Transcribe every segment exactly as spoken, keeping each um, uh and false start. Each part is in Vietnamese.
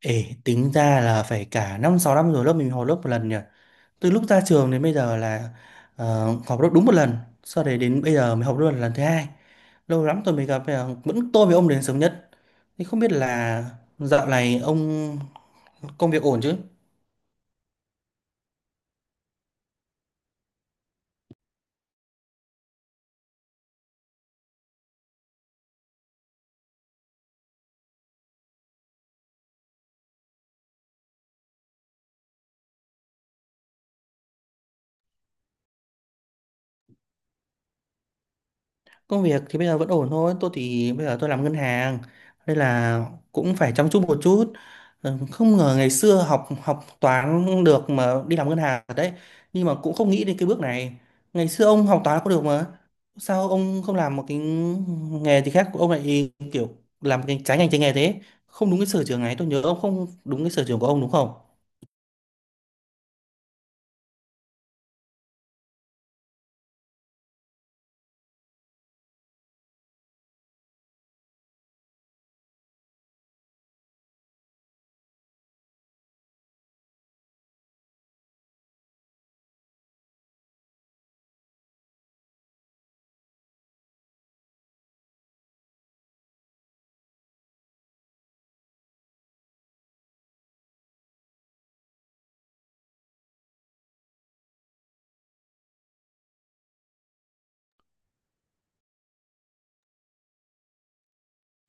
Ê, tính ra là phải cả năm sáu năm rồi lớp mình họp lớp một lần nhỉ. Từ lúc ra trường đến bây giờ là ờ, họp lớp đúng một lần, sau đấy đến bây giờ mới họp lớp lần thứ hai. Lâu lắm tôi mới gặp bây giờ vẫn tôi với ông đến sớm nhất. Thì không biết là dạo này ông công việc ổn chứ? Công việc thì bây giờ vẫn ổn thôi. Tôi thì bây giờ tôi làm ngân hàng nên là cũng phải chăm chút một chút. Ừ, không ngờ ngày xưa học học toán được mà đi làm ngân hàng thật đấy. Nhưng mà cũng không nghĩ đến cái bước này. Ngày xưa ông học toán có được mà. Sao ông không làm một cái nghề gì khác ông lại kiểu làm cái trái ngành trái nghề thế? Không đúng cái sở trường này. Tôi nhớ ông không đúng cái sở trường của ông đúng không?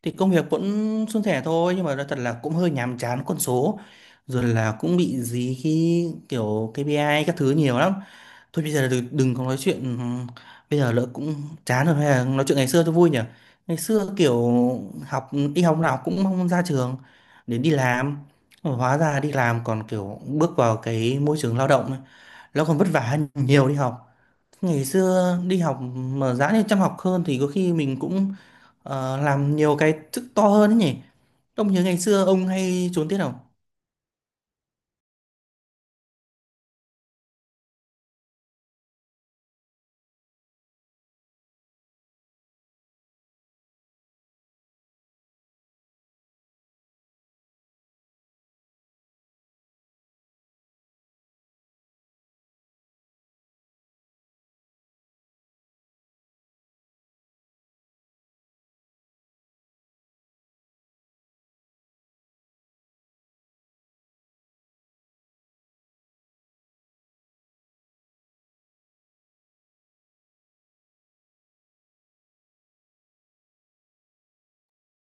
Thì công việc vẫn suôn sẻ thôi, nhưng mà nói thật là cũng hơi nhàm chán con số, rồi là cũng bị dí khi kiểu kây pi ai các thứ nhiều lắm. Thôi bây giờ đừng, đừng có nói chuyện bây giờ lỡ cũng chán rồi, hay là nói chuyện ngày xưa cho vui nhỉ. Ngày xưa kiểu học đi học nào cũng mong ra trường để đi làm, hóa ra đi làm còn kiểu bước vào cái môi trường lao động ấy, nó còn vất vả hơn nhiều đi học. Ngày xưa đi học mà giá như chăm học hơn thì có khi mình cũng ờ, làm nhiều cái chức to hơn ấy nhỉ. Ông nhớ ngày xưa ông hay trốn tiết không?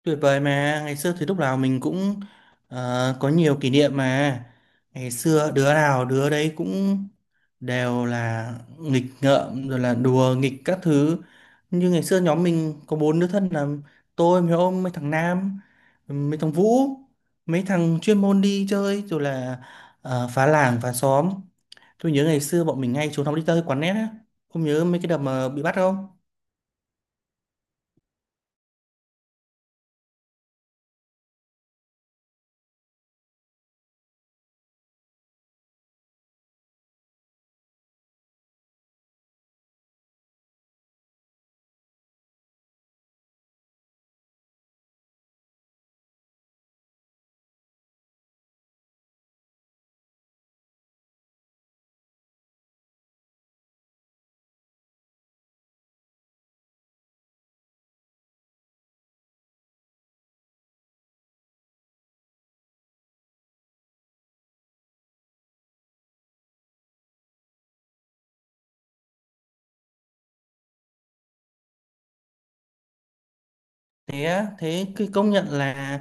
Tuyệt vời mà ngày xưa thì lúc nào mình cũng ờ, có nhiều kỷ niệm mà. Ngày xưa đứa nào đứa đấy cũng đều là nghịch ngợm rồi là đùa nghịch các thứ, như ngày xưa nhóm mình có bốn đứa thân là tôi mấy ông, mấy thằng Nam, mấy thằng Vũ, mấy thằng chuyên môn đi chơi rồi là ờ, phá làng phá xóm. Tôi nhớ ngày xưa bọn mình hay trốn học đi chơi quán net á. Không nhớ mấy cái đợt mà bị bắt không? Thế á, thế cái công nhận là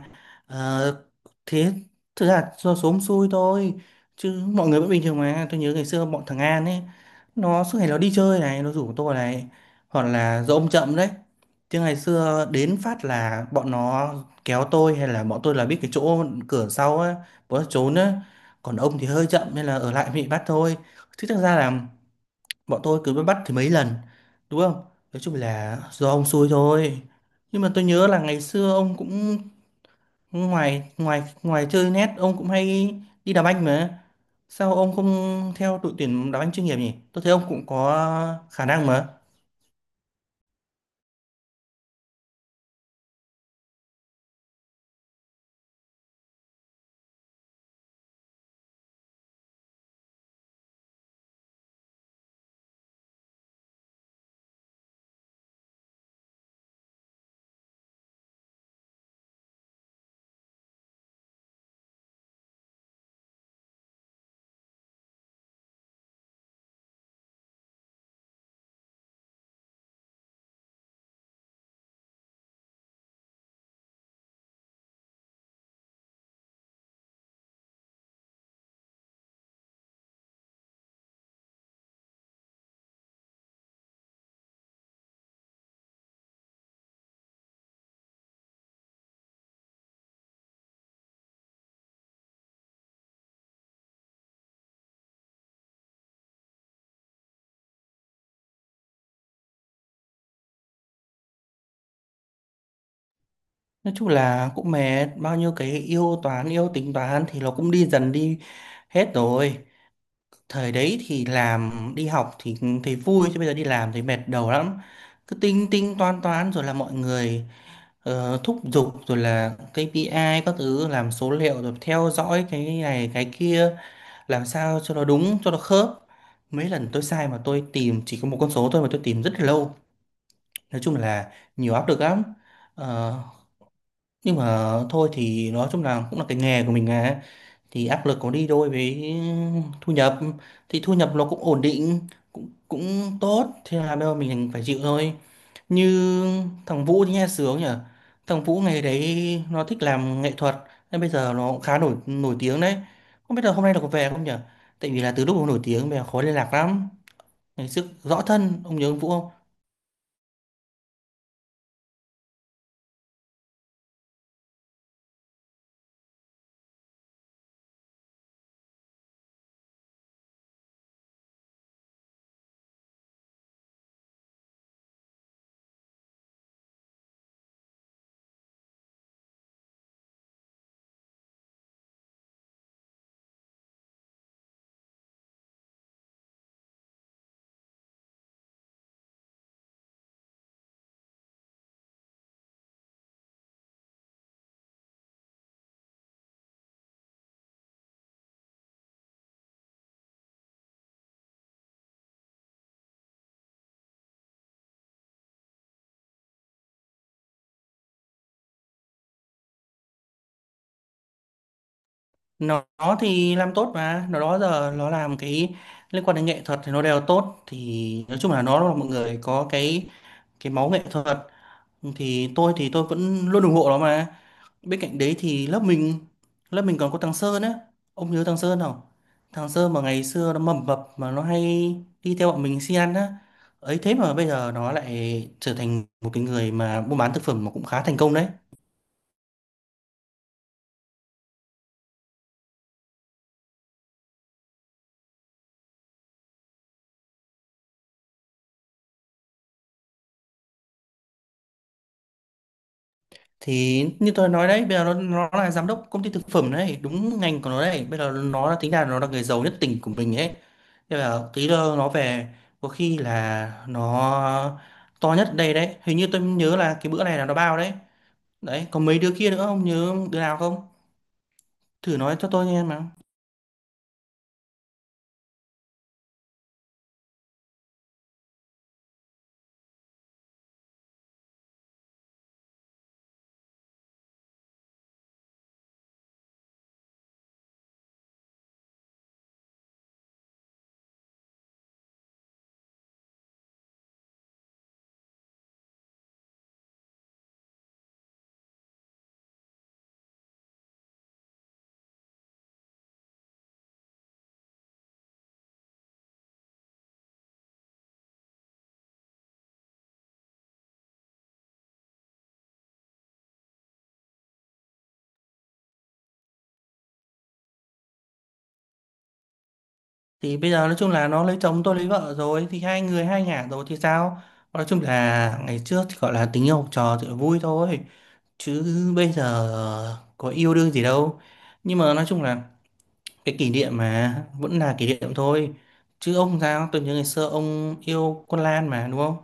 ờ, thế thực ra do số xui thôi, chứ mọi người vẫn bình thường mà. Tôi nhớ ngày xưa bọn thằng An ấy, nó suốt ngày nó đi chơi này, nó rủ tôi này, hoặc là do ông chậm đấy. Chứ ngày xưa đến phát là bọn nó kéo tôi, hay là bọn tôi là biết cái chỗ cửa sau á, bọn nó trốn á. Còn ông thì hơi chậm nên là ở lại bị bắt thôi. Chứ thực ra là bọn tôi cứ bắt thì mấy lần đúng không. Nói chung là do ông xui thôi, nhưng mà tôi nhớ là ngày xưa ông cũng ngoài ngoài ngoài chơi net ông cũng hay đi đá banh mà. Sao ông không theo đội tuyển đá banh chuyên nghiệp nhỉ, tôi thấy ông cũng có khả năng mà. Nói chung là cũng mệt, bao nhiêu cái yêu toán yêu tính toán thì nó cũng đi dần đi hết rồi. Thời đấy thì làm đi học thì thấy vui, chứ bây giờ đi làm thì mệt đầu lắm. Cứ tính tính toán toán rồi là mọi người Ờ, thúc giục rồi là kây pi ai các thứ, làm số liệu rồi theo dõi cái này cái kia, làm sao cho nó đúng cho nó khớp. Mấy lần tôi sai mà tôi tìm chỉ có một con số thôi mà tôi tìm rất là lâu. Nói chung là nhiều áp lực lắm. Ờ, nhưng mà thôi thì nói chung là cũng là cái nghề của mình à, thì áp lực có đi đôi với thu nhập, thì thu nhập nó cũng ổn định, cũng cũng tốt, thế là bây giờ mình phải chịu thôi. Như thằng Vũ thì nghe sướng nhỉ, thằng Vũ ngày đấy nó thích làm nghệ thuật nên bây giờ nó cũng khá nổi nổi tiếng đấy. Không biết là hôm nay nó có về không nhỉ, tại vì là từ lúc nó nổi tiếng bây giờ khó liên lạc lắm. Ngày trước rõ thân, ông nhớ ông Vũ không? Nó, nó thì làm tốt mà, nó đó giờ nó làm cái liên quan đến nghệ thuật thì nó đều tốt. Thì nói chung là nó là một người có cái cái máu nghệ thuật, thì tôi thì tôi vẫn luôn ủng hộ nó mà. Bên cạnh đấy thì lớp mình lớp mình còn có thằng Sơn á. Ông nhớ thằng Sơn không? Thằng Sơn mà ngày xưa nó mầm mập mà nó hay đi theo bọn mình si ăn á. Ấy thế mà bây giờ nó lại trở thành một cái người mà buôn bán thực phẩm mà cũng khá thành công đấy. Thì như tôi nói đấy, bây giờ nó, nó là giám đốc công ty thực phẩm đấy, đúng ngành của nó đấy. Bây giờ nó là tính là nó là người giàu nhất tỉnh của mình ấy. Thế là tí nữa nó về có khi là nó to nhất đây đấy. Hình như tôi nhớ là cái bữa này là nó bao đấy. Đấy, có mấy đứa kia nữa không? Nhớ đứa nào không? Thử nói cho tôi nghe mà. Thì bây giờ nói chung là nó lấy chồng tôi lấy vợ rồi thì hai người hai ngả rồi thì sao? Nói chung là ngày trước thì gọi là tình yêu học trò thì vui thôi. Chứ bây giờ có yêu đương gì đâu. Nhưng mà nói chung là cái kỷ niệm mà vẫn là kỷ niệm thôi. Chứ ông sao? Tôi nhớ ngày xưa ông yêu con Lan mà đúng không?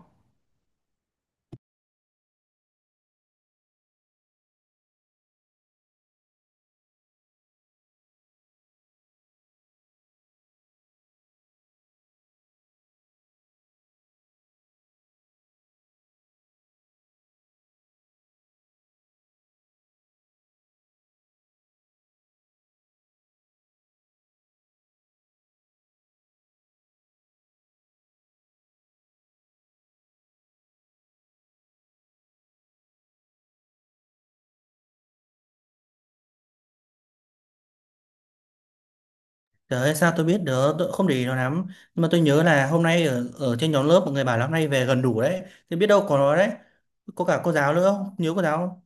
Trời ơi, sao tôi biết được, tôi cũng không để ý nó lắm. Nhưng mà tôi nhớ là hôm nay ở, ở trên nhóm lớp mọi người bảo là hôm nay về gần đủ đấy. Thì biết đâu có nó đấy. Có cả cô giáo nữa không? Nhớ cô giáo không?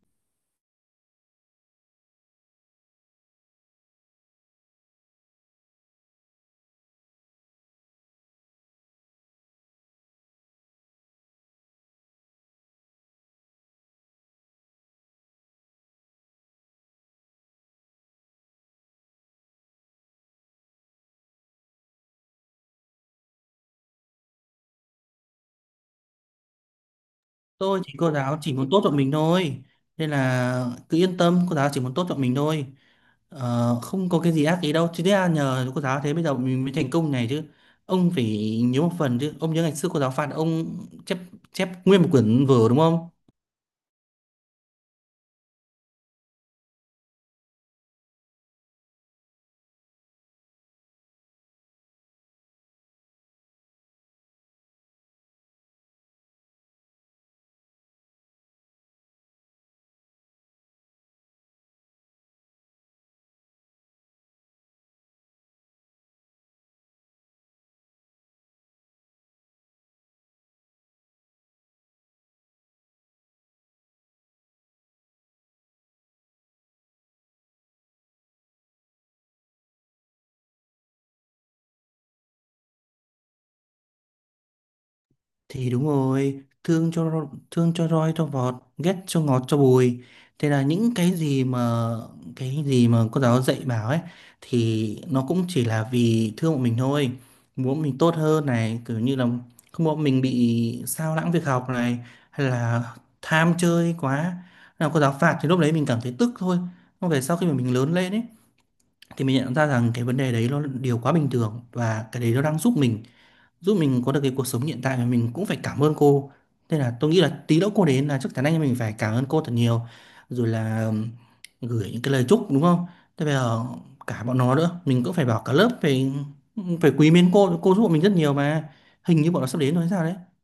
Tôi chỉ, cô giáo chỉ muốn tốt cho mình thôi. Nên là cứ yên tâm, cô giáo chỉ muốn tốt cho mình thôi. Ờ, không có cái gì ác ý đâu. Chứ thế là nhờ cô giáo thế bây giờ mình mới thành công này chứ. Ông phải nhớ một phần chứ. Ông nhớ ngày xưa cô giáo phạt ông chép chép nguyên một quyển vở đúng không? Thì đúng rồi, thương cho ro- thương cho roi cho vọt, ghét cho ngọt cho bùi. Thế là những cái gì mà cái gì mà cô giáo dạy bảo ấy thì nó cũng chỉ là vì thương bọn mình thôi, muốn mình tốt hơn này, kiểu như là không muốn mình bị sao lãng việc học này, hay là tham chơi quá. Nào cô giáo phạt thì lúc đấy mình cảm thấy tức thôi. Còn về sau khi mà mình lớn lên ấy thì mình nhận ra rằng cái vấn đề đấy nó là điều quá bình thường, và cái đấy nó đang giúp mình giúp mình có được cái cuộc sống hiện tại, mà mình cũng phải cảm ơn cô. Nên là tôi nghĩ là tí nữa cô đến là chắc chắn anh em mình phải cảm ơn cô thật nhiều, rồi là ừm, gửi những cái lời chúc đúng không. Thế bây giờ cả bọn nó nữa mình cũng phải bảo cả lớp phải phải quý mến cô cô giúp bọn mình rất nhiều mà. Hình như bọn nó sắp đến rồi hay sao đấy.